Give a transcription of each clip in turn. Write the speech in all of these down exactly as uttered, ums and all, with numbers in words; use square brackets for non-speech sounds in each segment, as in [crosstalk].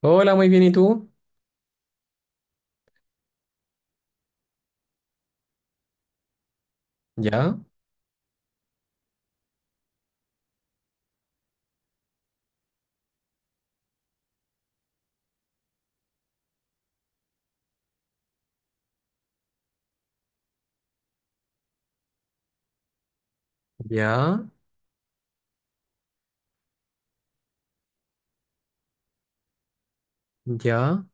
Hola, muy bien, ¿y tú? Ya, ya, ya.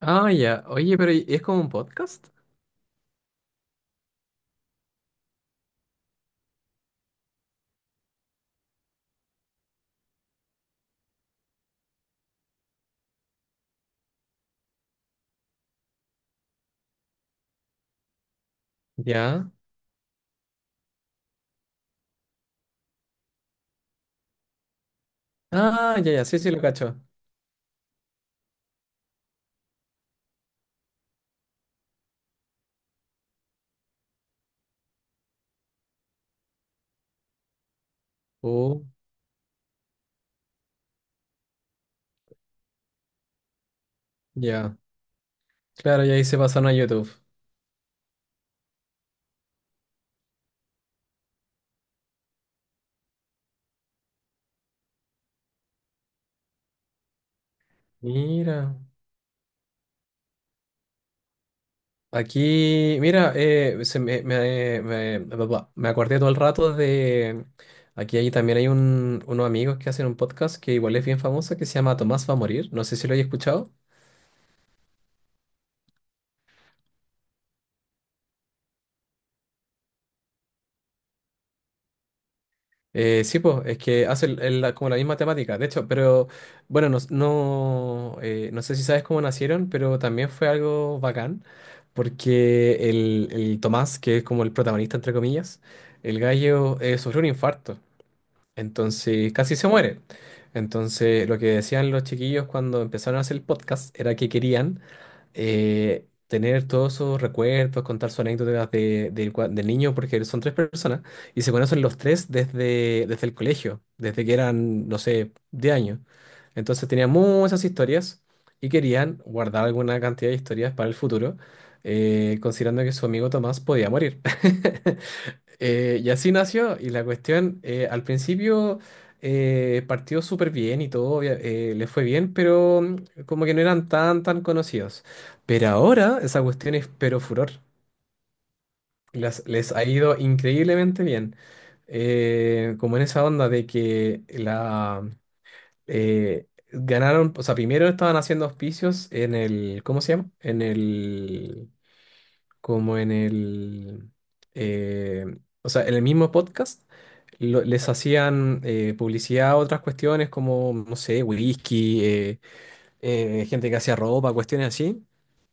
Ah, ya. Oye, pero ¿y- ¿es como un podcast? Ya. Ah, ya, ya, sí, sí, lo cacho. Oh, ya. Claro, ya ahí se pasaron a YouTube. Mira. Aquí, mira, eh, se me, me, me- bla, bla, me acordé todo el rato de... Aquí ahí también hay un, unos amigos que hacen un podcast que igual es bien famoso que se llama Tomás va a morir. No sé si lo hayas escuchado. Eh, sí, pues, es que hace el- el- la- como la misma temática. De hecho, pero bueno, no, no, eh, no sé si sabes cómo nacieron, pero también fue algo bacán, porque el, el Tomás, que es como el protagonista, entre comillas, el gallo eh, sufrió un infarto, entonces casi se muere. Entonces, lo que decían los chiquillos cuando empezaron a hacer el podcast era que querían eh, tener todos esos recuerdos, contar sus anécdotas de, del cua- del niño, porque son tres personas, y se conocen los tres desde, desde el colegio, desde que eran, no sé, de años. Entonces tenían muchas historias y querían guardar alguna cantidad de historias para el futuro, eh, considerando que su amigo Tomás podía morir. [laughs] Eh, y así nació, y la cuestión, eh, al principio eh, partió súper bien y todo, obvia- eh, le fue bien, pero mm, como que no eran tan, tan conocidos. Pero ahora esa cuestión es pero furor. Las- les ha ido increíblemente bien. Eh, como en esa onda de que la eh, ganaron, o sea, primero estaban haciendo auspicios en el, ¿cómo se llama? En el como en el, eh, o sea, en el mismo podcast, lo- les hacían eh, publicidad a otras cuestiones como, no sé, whisky, eh, eh, gente que hacía ropa, cuestiones así.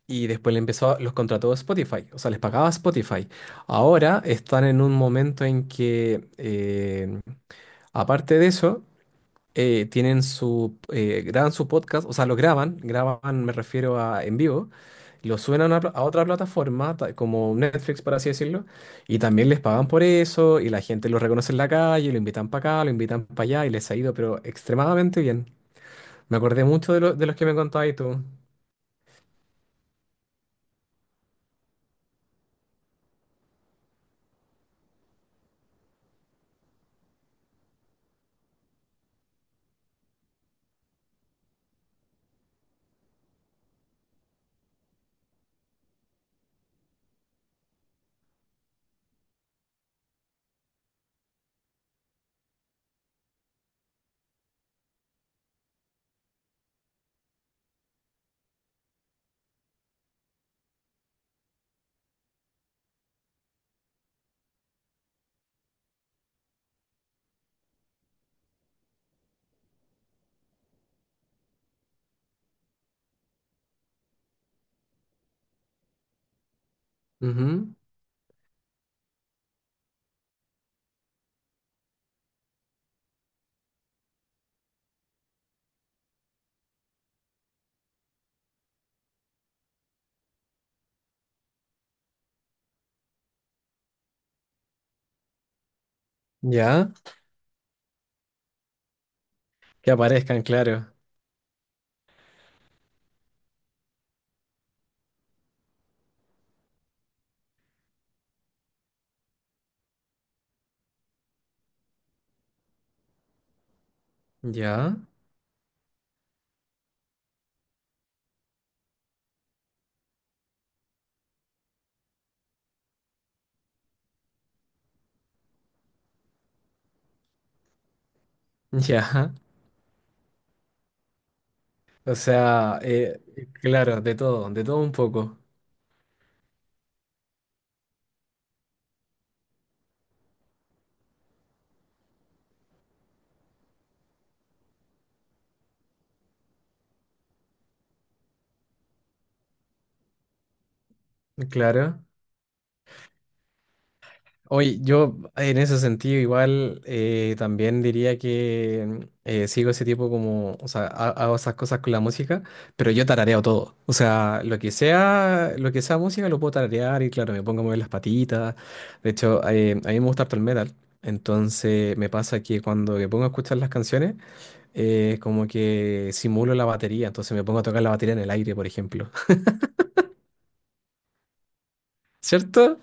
Y después le empezó, los contrató Spotify, o sea, les pagaba Spotify. Ahora están en un momento en que, eh, aparte de eso, eh, tienen su, eh, graban su podcast, o sea, lo graban, graban, me refiero a en vivo, lo suben a una pla- a otra plataforma, ta- como Netflix, por así decirlo, y también les pagan por eso, y la gente lo reconoce en la calle, lo invitan para acá, lo invitan para allá, y les ha ido, pero extremadamente bien. Me acordé mucho de, lo- de los que me contabas tú. Ujú. Ya, que aparezcan, claro. Ya, ya. O sea, eh, claro, de todo, de todo un poco. Claro. Oye, yo en ese sentido igual eh, también diría que eh, sigo ese tipo como, o sea, ha- hago esas cosas con la música, pero yo tarareo todo. O sea, lo que sea, lo que sea música lo puedo tararear y claro, me pongo a mover las patitas. De hecho, eh, a mí me gusta harto el metal. Entonces me pasa que cuando me pongo a escuchar las canciones, eh, como que simulo la batería, entonces me pongo a tocar la batería en el aire, por ejemplo. [laughs] ¿Cierto?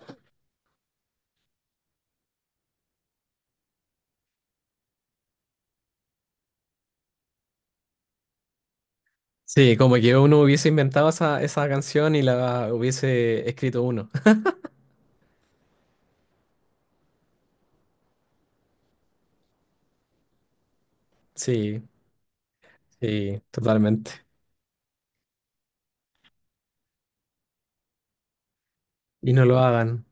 Sí, como que uno hubiese inventado esa, esa canción y la hubiese escrito uno. [laughs] Sí, sí, totalmente. Y no lo hagan.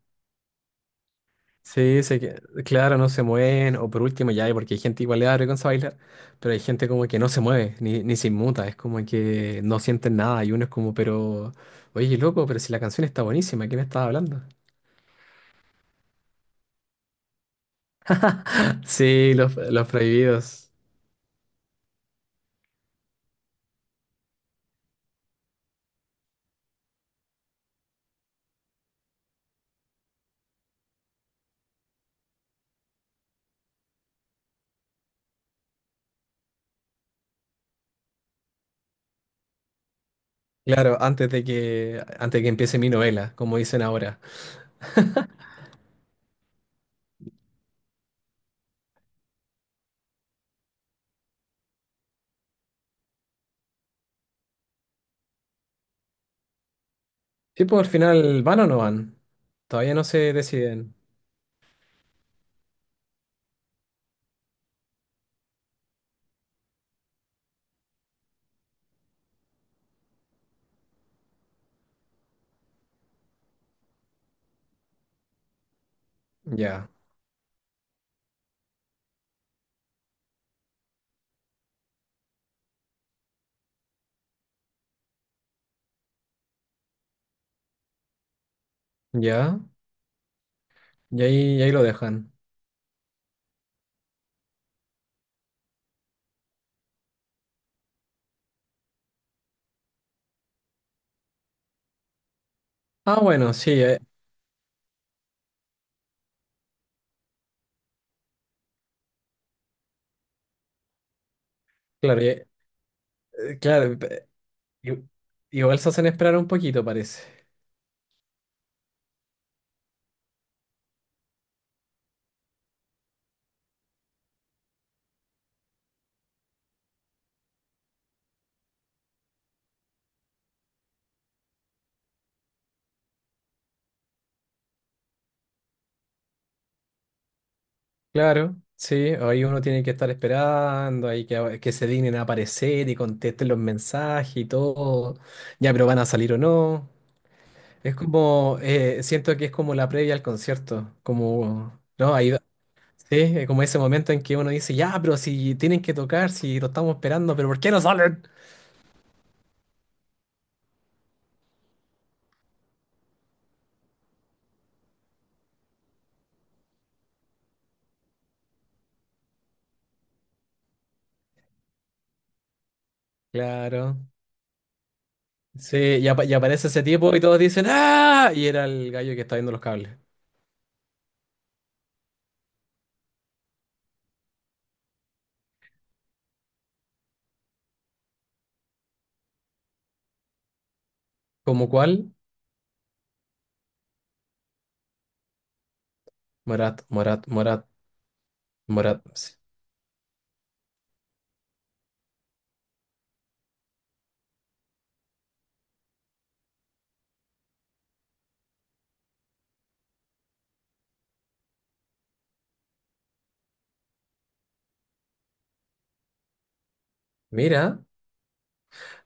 Sí, se que, claro, no se mueven. O por último, ya, porque hay gente igual le da vergüenza bailar, pero hay gente como que no se mueve, ni, ni se inmuta. Es como que no sienten nada. Y uno es como, pero, oye, loco, pero si la canción está buenísima, ¿qué me estás hablando? [laughs] Sí, los, los prohibidos. Claro, antes de que, antes de que empiece mi novela, como dicen ahora. Sí, pues al final, ¿van o no van? Todavía no se deciden. Ya, ya. Y ahí, y ahí lo dejan. Ah, bueno, sí, eh, claro, eh, eh, claro. pe- i- Igual se hacen esperar un poquito, parece. Claro, sí, ahí uno tiene que estar esperando, ahí que, que se dignen a aparecer y contesten los mensajes y todo. Ya, pero van a salir o no. Es como, eh, siento que es como la previa al concierto, como, ¿no? Ahí, sí, es como ese momento en que uno dice, ya, pero si tienen que tocar, si lo estamos esperando, pero ¿por qué no salen? Claro. Sí, y, apa- y aparece ese tipo y todos dicen, ¡ah! Y era el gallo que está viendo los cables. ¿Como cuál? Morat, Morat, Morat, Morat. Sí. Mira,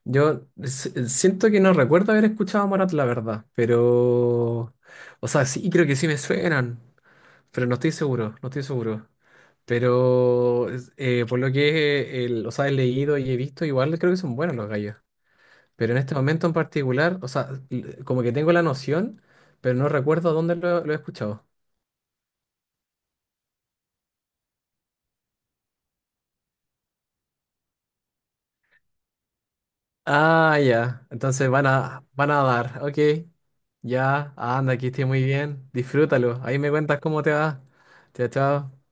yo s- siento que no recuerdo haber escuchado a Morat, la verdad, pero... O sea, sí, creo que sí me suenan, pero no estoy seguro, no estoy seguro. Pero es- eh, por lo que eh, el- los he leído y he visto, igual creo que son buenos los gallos. Pero en este momento en particular, o sea, l- como que tengo la noción, pero no recuerdo dónde lo, lo he escuchado. Ah, ya. Entonces van a, van a dar. Ok. Ya. Anda, aquí estoy muy bien. Disfrútalo. Ahí me cuentas cómo te va. Chao, chao.